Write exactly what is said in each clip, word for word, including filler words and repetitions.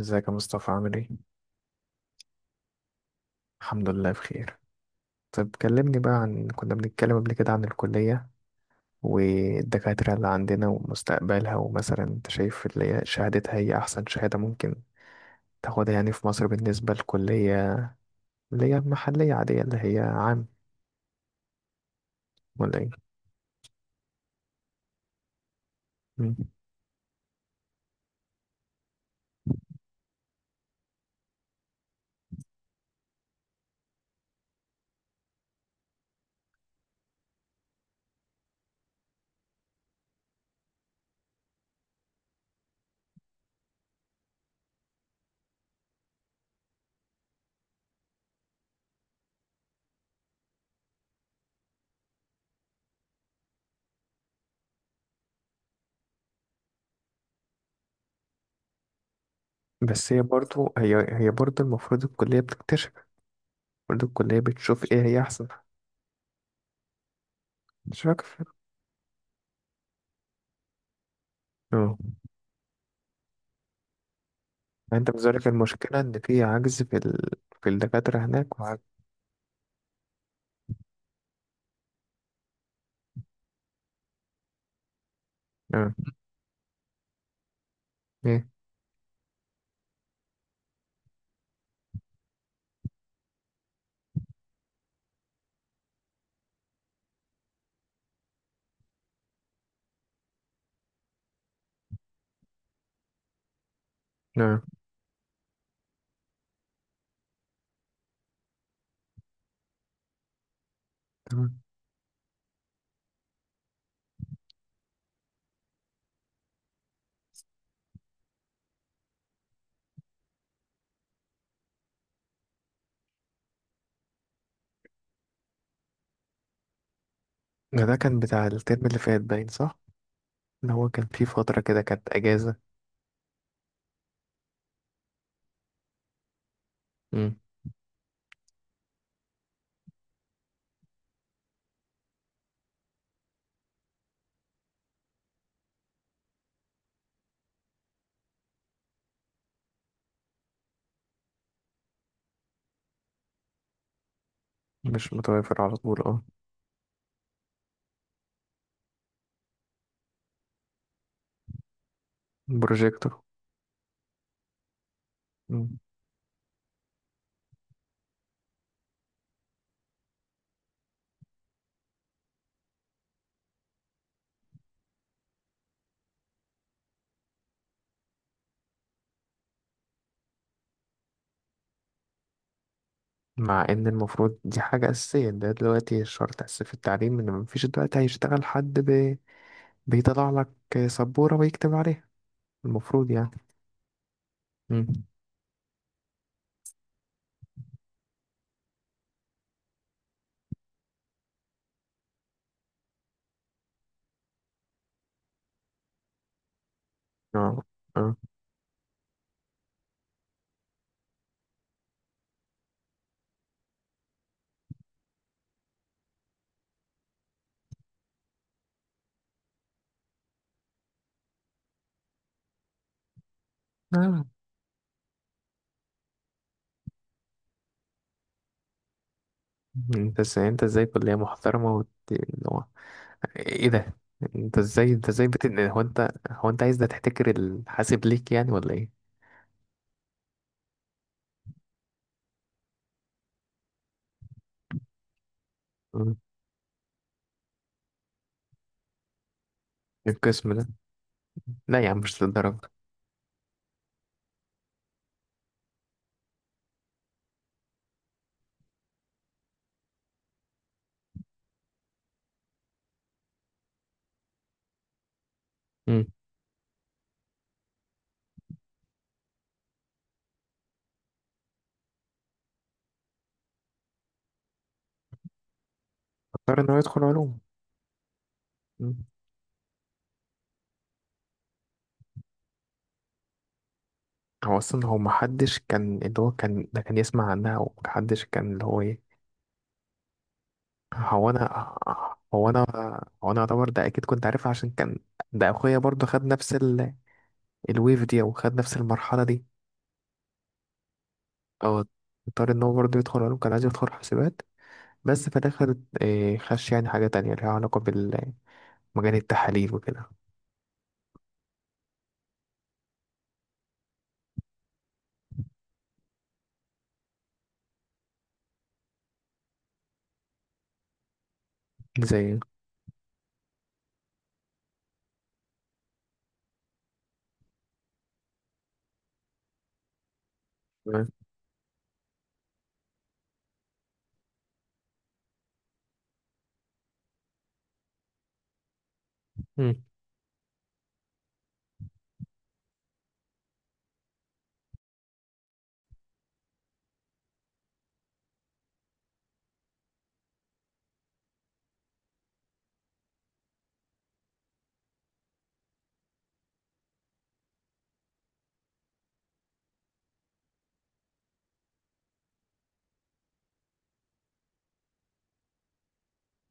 ازيك يا مصطفى؟ عامل ايه؟ الحمد لله بخير. طب كلمني بقى، عن كنا بنتكلم قبل كده عن الكلية والدكاترة اللي عندنا ومستقبلها. ومثلا انت شايف اللي هي شهادتها، هي أحسن شهادة ممكن تاخدها يعني في مصر بالنسبة للكلية، اللي هي المحلية عادية، اللي هي عام، ولا ايه؟ مم. بس هي برضو هي هي برضو المفروض الكلية بتكتشف. برضو الكلية بتشوف ايه هي أحسن. مش فاكر. اه. يعني انت بذلك المشكلة ان في عجز في ال... في الدكاترة هناك، وعجز. اه. ايه؟ اه. تمام. ده ده كان بتاع الترم اللي فات، باين صح، ان هو كان في فترة كده كانت اجازة. مم. مش متوافر على طول، اه. بروجيكتور. مم. مع ان المفروض دي حاجة اساسية، ده دلوقتي شرط اساسي في التعليم، ان مفيش دلوقتي هيشتغل حد بي... بيطلع لك سبورة ويكتب عليها. المفروض يعني. مم. اه، اه. آه. انت ازاي، انت ازاي كلية محترمة وت... اللي هو، ايه ده؟ انت ازاي، انت ازاي بتن... هو انت هو انت عايز ده تحتكر الحاسب ليك يعني، ولا ايه؟ القسم ده؟ لا يا عم، مش للدرجة. امم. اضطر ان هو يدخل علوم. مم. هو اصلا، هو محدش كان، اللي هو كان، ده كان يسمع عنها، ومحدش كان اللي هو ايه. هو انا هو انا هو انا اعتبر ده اكيد كنت عارفها عشان كان، ده اخويا برضه خد نفس ال... الويف دي، او خد نفس المرحلة دي. اه. اضطر ان هو برضه يدخل علوم، كان عايز يدخل حسابات، بس في الاخر إيه، خش يعني حاجة تانية ليها علاقة بالمجال، التحاليل وكده. زي. امم.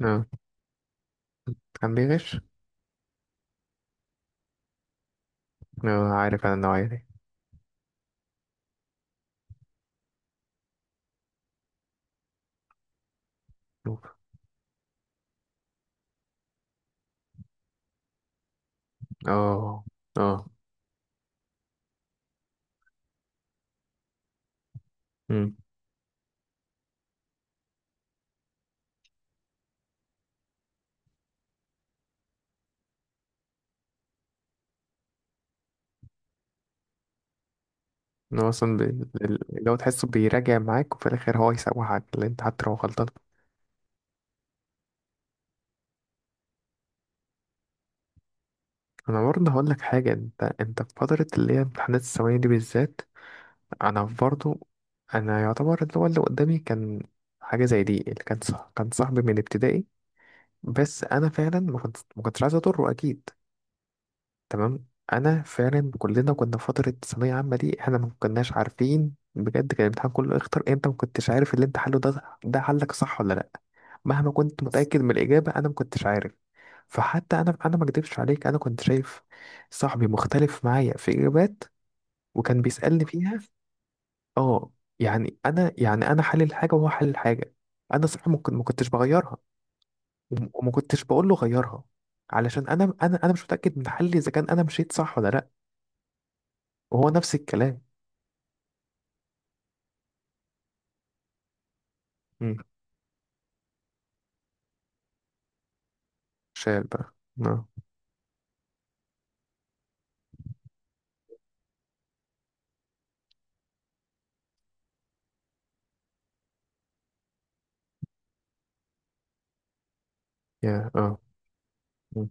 اه. كان بيغش. اه، عارف انا النوعية دي. نوب. اه، اه. امم. إن هو اصلا بي... اللي هو تحسه بيراجع معاك، وفي الاخر هو يسوحك اللي انت حتى لو غلطان. انا برضه هقول لك حاجه، انت انت في فتره اللي هي امتحانات الثانويه دي بالذات. انا برضه، انا يعتبر اللي هو اللي قدامي كان حاجه زي دي، اللي كان صح كان صاحبي من ابتدائي. بس انا فعلا ما كنت ما كنتش عايز اضره اكيد. تمام. انا فعلا كلنا كنا في فتره ثانويه عامه دي، احنا ما كناش عارفين بجد. كان الامتحان كله اختر انت، ما كنتش عارف اللي انت حله ده، ده حلك صح ولا لا. مهما كنت متاكد من الاجابه، انا ما كنتش عارف. فحتى انا انا ما اكدبش عليك، انا كنت شايف صاحبي مختلف معايا في اجابات، وكان بيسالني فيها. اه. يعني انا يعني انا حلل حاجه وهو حلل حاجه. انا صح ممكن ما كنتش بغيرها. وم- وما كنتش بقول له غيرها، علشان انا انا انا مش متاكد من حلي اذا كان انا مشيت صح ولا لا. وهو نفس الكلام. مم. شال بقى. اه. يا، اه. مم.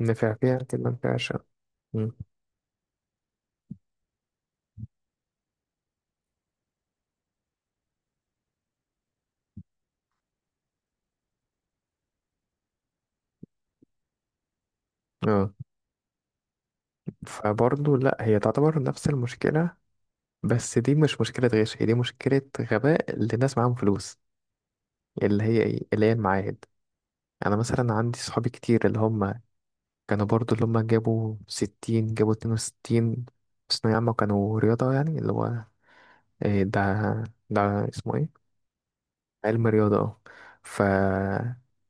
نفع فيها كده ما نفعش. مم. اه. فبرضه لا، هي تعتبر نفس المشكلة، بس دي مش مشكلة غش، هي دي مشكلة غباء لناس معاهم فلوس، اللي هي ايه، اللي هي المعاهد. انا مثلا عندي صحابي كتير اللي هم كانوا برضه، اللي هم جابوا ستين، جابوا اتنين وستين في ثانوية عامة، كانوا رياضة يعني، اللي هو إيه ده، ده اسمه ايه؟ علم رياضة، اه. ف،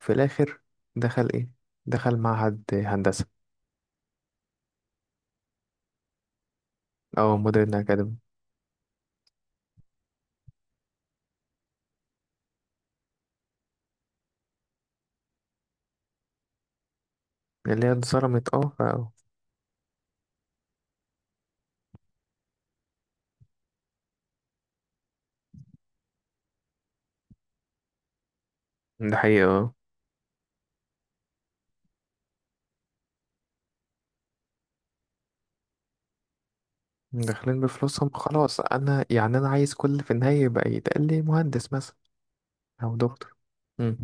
في الآخر دخل إيه؟ دخل معهد هندسة، أو مودرن أكاديمي. اللي هي اتظلمت، اه، ف- ده حقيقة، اه. داخلين بفلوسهم خلاص، أنا يعني أنا عايز كل في النهاية يبقى يتقال لي مهندس مثلا، أو دكتور. مم.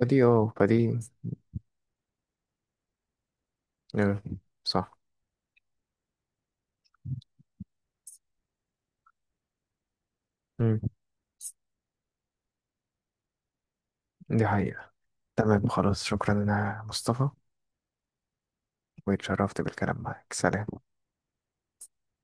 فدي اه فدي، اه، صح. مم. دي حقيقة. تمام، خلاص، شكرا. أنا مصطفى، واتشرفت بالكلام معاك. سلام.